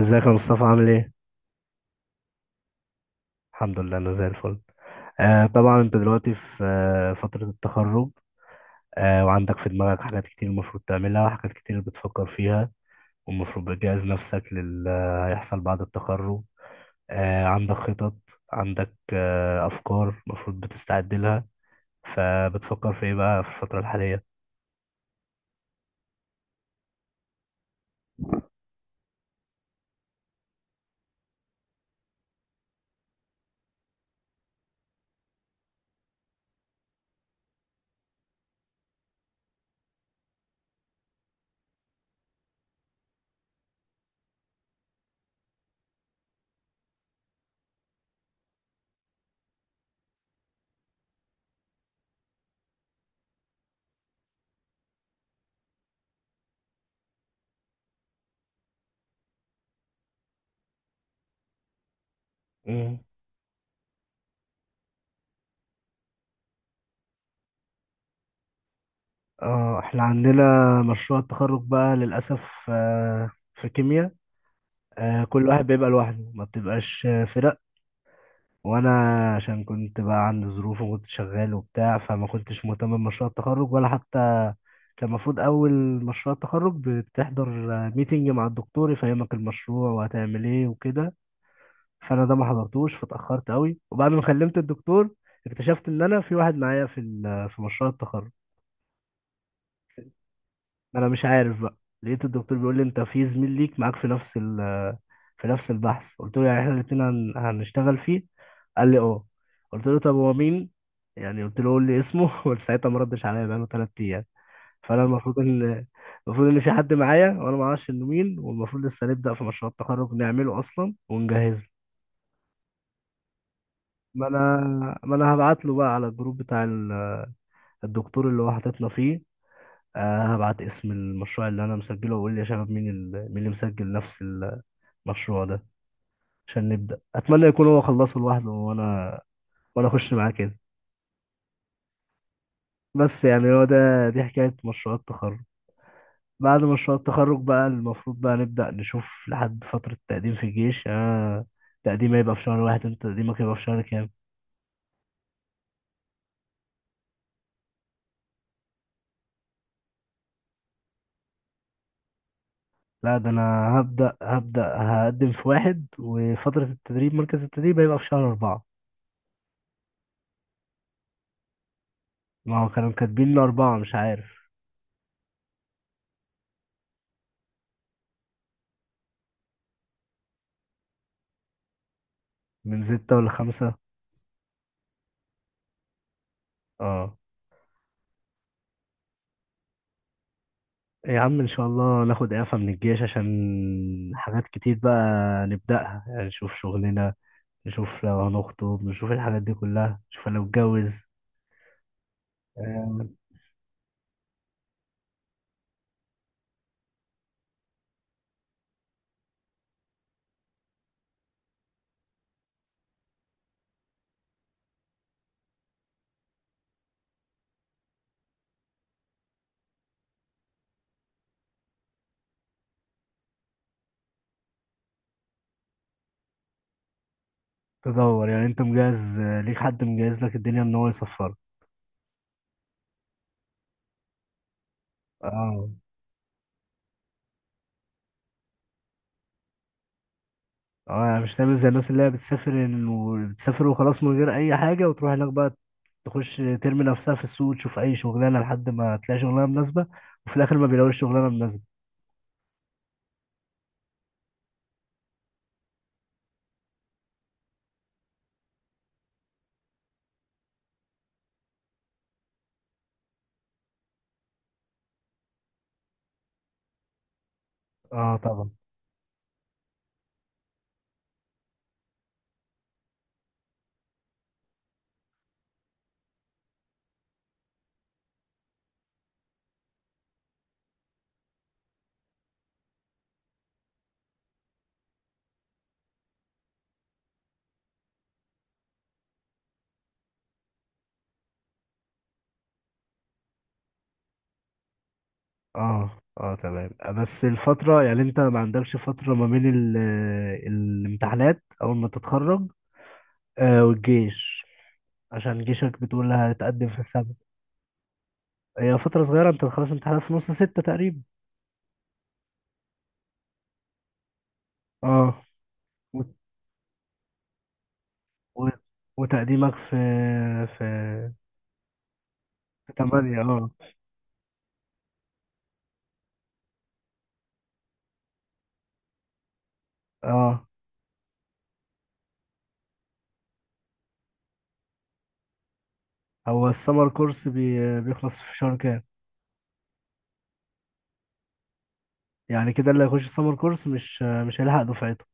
ازيك يا مصطفى؟ عامل ايه؟ الحمد لله، انا زي الفل. طبعا انت دلوقتي في فترة التخرج، وعندك في دماغك حاجات كتير المفروض تعملها، وحاجات كتير بتفكر فيها، والمفروض بتجهز نفسك للي هيحصل بعد التخرج. عندك خطط، عندك افكار المفروض بتستعد لها. فبتفكر في ايه بقى في الفترة الحالية؟ مم. اه، احنا عندنا مشروع التخرج بقى للأسف في كيمياء، كل واحد بيبقى لوحده، ما بتبقاش فرق. وانا عشان كنت بقى عندي ظروف وكنت شغال وبتاع، فما كنتش مهتم بمشروع التخرج ولا حتى. كان المفروض اول مشروع التخرج بتحضر ميتنج مع الدكتور يفهمك المشروع وهتعمل ايه وكده، فانا ده ما حضرتوش، فاتاخرت قوي. وبعد ما كلمت الدكتور اكتشفت ان انا في واحد معايا في مشروع التخرج. انا مش عارف بقى، لقيت الدكتور بيقول لي انت في زميل ليك معاك في نفس ال في نفس البحث. قلت له يعني احنا الاتنين هنشتغل فيه؟ قال لي اه. قلت له طب هو مين يعني؟ قلت له قول لي اسمه وساعتها ما ردش عليا بقاله ثلاث ايام. فانا المفروض ان المفروض ان في حد معايا وانا ما اعرفش انه مين، والمفروض لسه نبدا في مشروع التخرج نعمله اصلا ونجهزه. ما انا ما انا هبعت له بقى على الجروب بتاع الدكتور اللي هو حاططنا فيه. هبعت اسم المشروع اللي انا مسجله واقول لي يا شباب، مين اللي مسجل نفس المشروع ده عشان نبدأ. اتمنى يكون هو خلصه لوحده وانا اخش معاه كده. بس يعني هو ده، دي حكاية مشروع التخرج. بعد مشروع التخرج بقى المفروض بقى نبدأ نشوف لحد فترة التقديم في الجيش. آه، تقديمي يبقى في شهر واحد، انت تقديمك يبقى في شهر كام؟ لا ده انا هبدأ هبدأ هقدم في واحد، وفترة التدريب مركز التدريب هيبقى في شهر أربعة. ما هو كانوا كاتبين لي أربعة، مش عارف. من ستة ولا خمسة؟ اه. يا عم ان شاء الله ناخد اعفاء من الجيش، عشان حاجات كتير بقى نبدأها يعني. نشوف شغلنا، نشوف لو هنخطب، نشوف الحاجات دي كلها، نشوف لو اتجوز. آه، تدور يعني، انت مجهز، ليك حد مجهز لك الدنيا ان هو يسفرك؟ اه. اه يعني مش تعمل زي الناس اللي هي بتسافر، بتسافر وخلاص من غير اي حاجة، وتروح هناك بقى تخش ترمي نفسها في السوق، تشوف اي شغلانة لحد ما تلاقي شغلانة مناسبة، وفي الاخر ما بيلاقوش شغلانة مناسبة. اه طبعا. اه، اه تمام. بس الفترة يعني انت ما عندكش فترة ما بين الامتحانات اول ما تتخرج والجيش، عشان جيشك بتقول هتقدم في السنة. هي فترة صغيرة، انت خلاص امتحانات في نص ستة تقريبا. اه. و... و... وتقديمك في في في تمانية، اه. اه، هو السمر كورس بيخلص في شهر كام؟ يعني كده اللي هيخش السمر كورس مش هيلحق دفعته.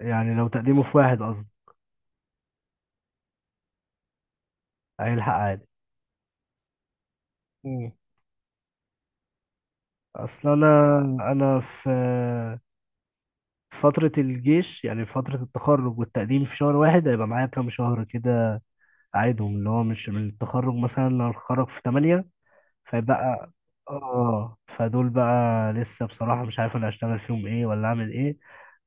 يعني لو تقديمه في واحد قصدي هيلحق عادي. اصل انا، انا في في فترة الجيش، يعني في فترة التخرج والتقديم في شهر واحد، هيبقى معايا كام شهر كده أعيدهم؟ اللي هو مش من التخرج، مثلا لو هتخرج في تمانية فيبقى. اه، فدول بقى لسه بصراحة مش عارف انا هشتغل فيهم ايه ولا اعمل ايه.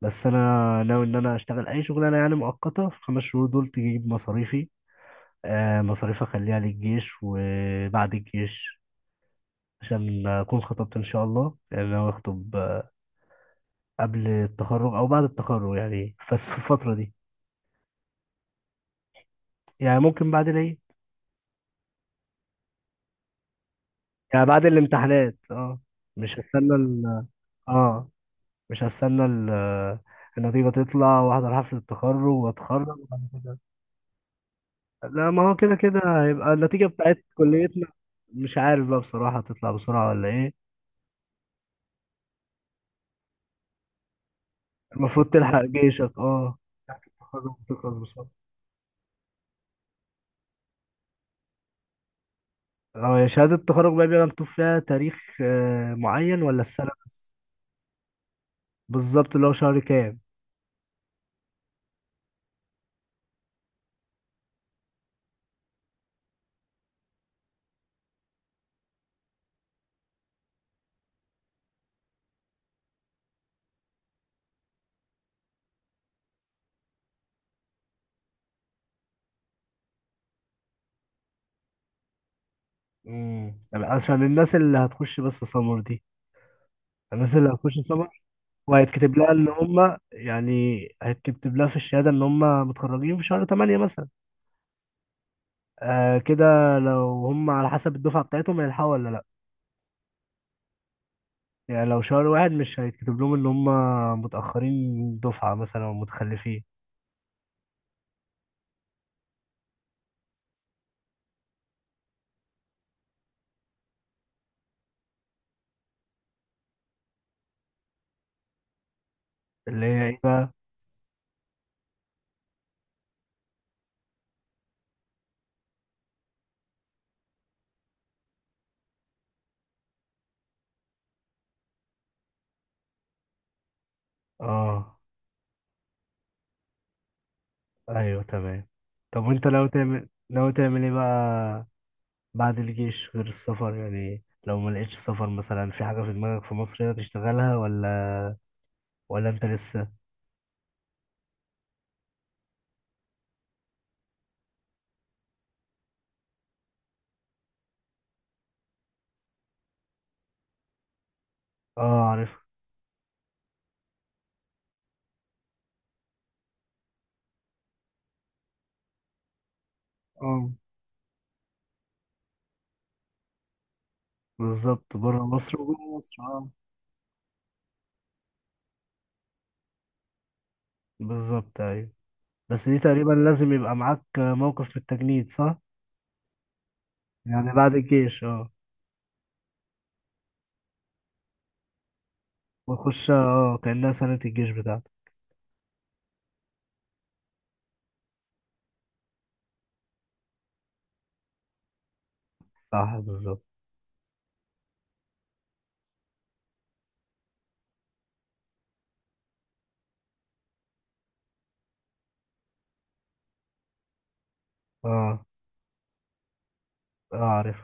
بس انا ناوي ان انا اشتغل اي شغلانة يعني مؤقتة في الخمس شهور دول تجيب مصاريفي، مصاريف اخليها للجيش وبعد الجيش. عشان اكون خطبت ان شاء الله، يعني انا هخطب قبل التخرج او بعد التخرج يعني، بس في الفتره دي. يعني ممكن بعد العيد. يعني بعد الامتحانات اه. مش هستنى ال اه مش هستنى ال النتيجه تطلع واحضر حفله التخرج واتخرج وبعد كده. لا، ما هو كده كده هيبقى النتيجه بتاعت كليتنا. مش عارف بقى بصراحه تطلع بسرعه ولا ايه. المفروض تلحق جيشك اه. بتاعت التخرج بتخلص بسرعه. اه، يا شهاده التخرج بقى بيبقى مكتوب فيها تاريخ معين ولا السنه بس؟ بالظبط، اللي هو شهر كام. مم. عشان الناس اللي هتخش بس سمر دي، الناس اللي هتخش سمر، وهيتكتب لها ان هم يعني، هيتكتب لها في الشهاده ان هم متخرجين في شهر 8 مثلا. كده لو هم على حسب الدفعه بتاعتهم هيلحقوا ولا لا؟ يعني لو شهر واحد مش هيتكتب لهم ان هم متاخرين دفعه مثلا او متخلفين؟ اللي هي ايه بقى؟ اه، ايوه تمام. طب وانت ناوي تعمل، ايه بقى بعد الجيش غير السفر؟ يعني لو ما لقيتش سفر مثلا، في حاجة في دماغك في مصر هنا تشتغلها، ولا ولا انت لسه؟ اه عارف. اه بالظبط، بره مصر وجوه مصر. اه بالظبط ايوه. بس دي تقريبا لازم يبقى معاك موقف في التجنيد، صح؟ يعني بعد الجيش اه. وتخش اه كأنها سنة الجيش بتاعتك. صح بالظبط. اه. اه عارف.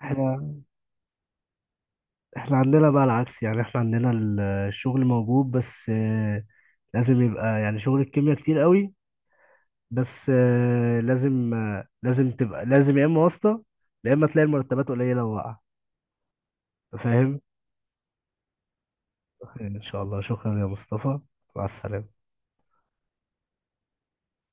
احنا احنا عندنا بقى العكس. يعني احنا عندنا الشغل موجود، بس لازم يبقى يعني، شغل الكيمياء كتير قوي، بس لازم تبقى لازم يا اما واسطة، يا اما تلاقي المرتبات قليلة وواقعة. فاهم؟ ان شاء الله. شكرا يا مصطفى، مع السلامة.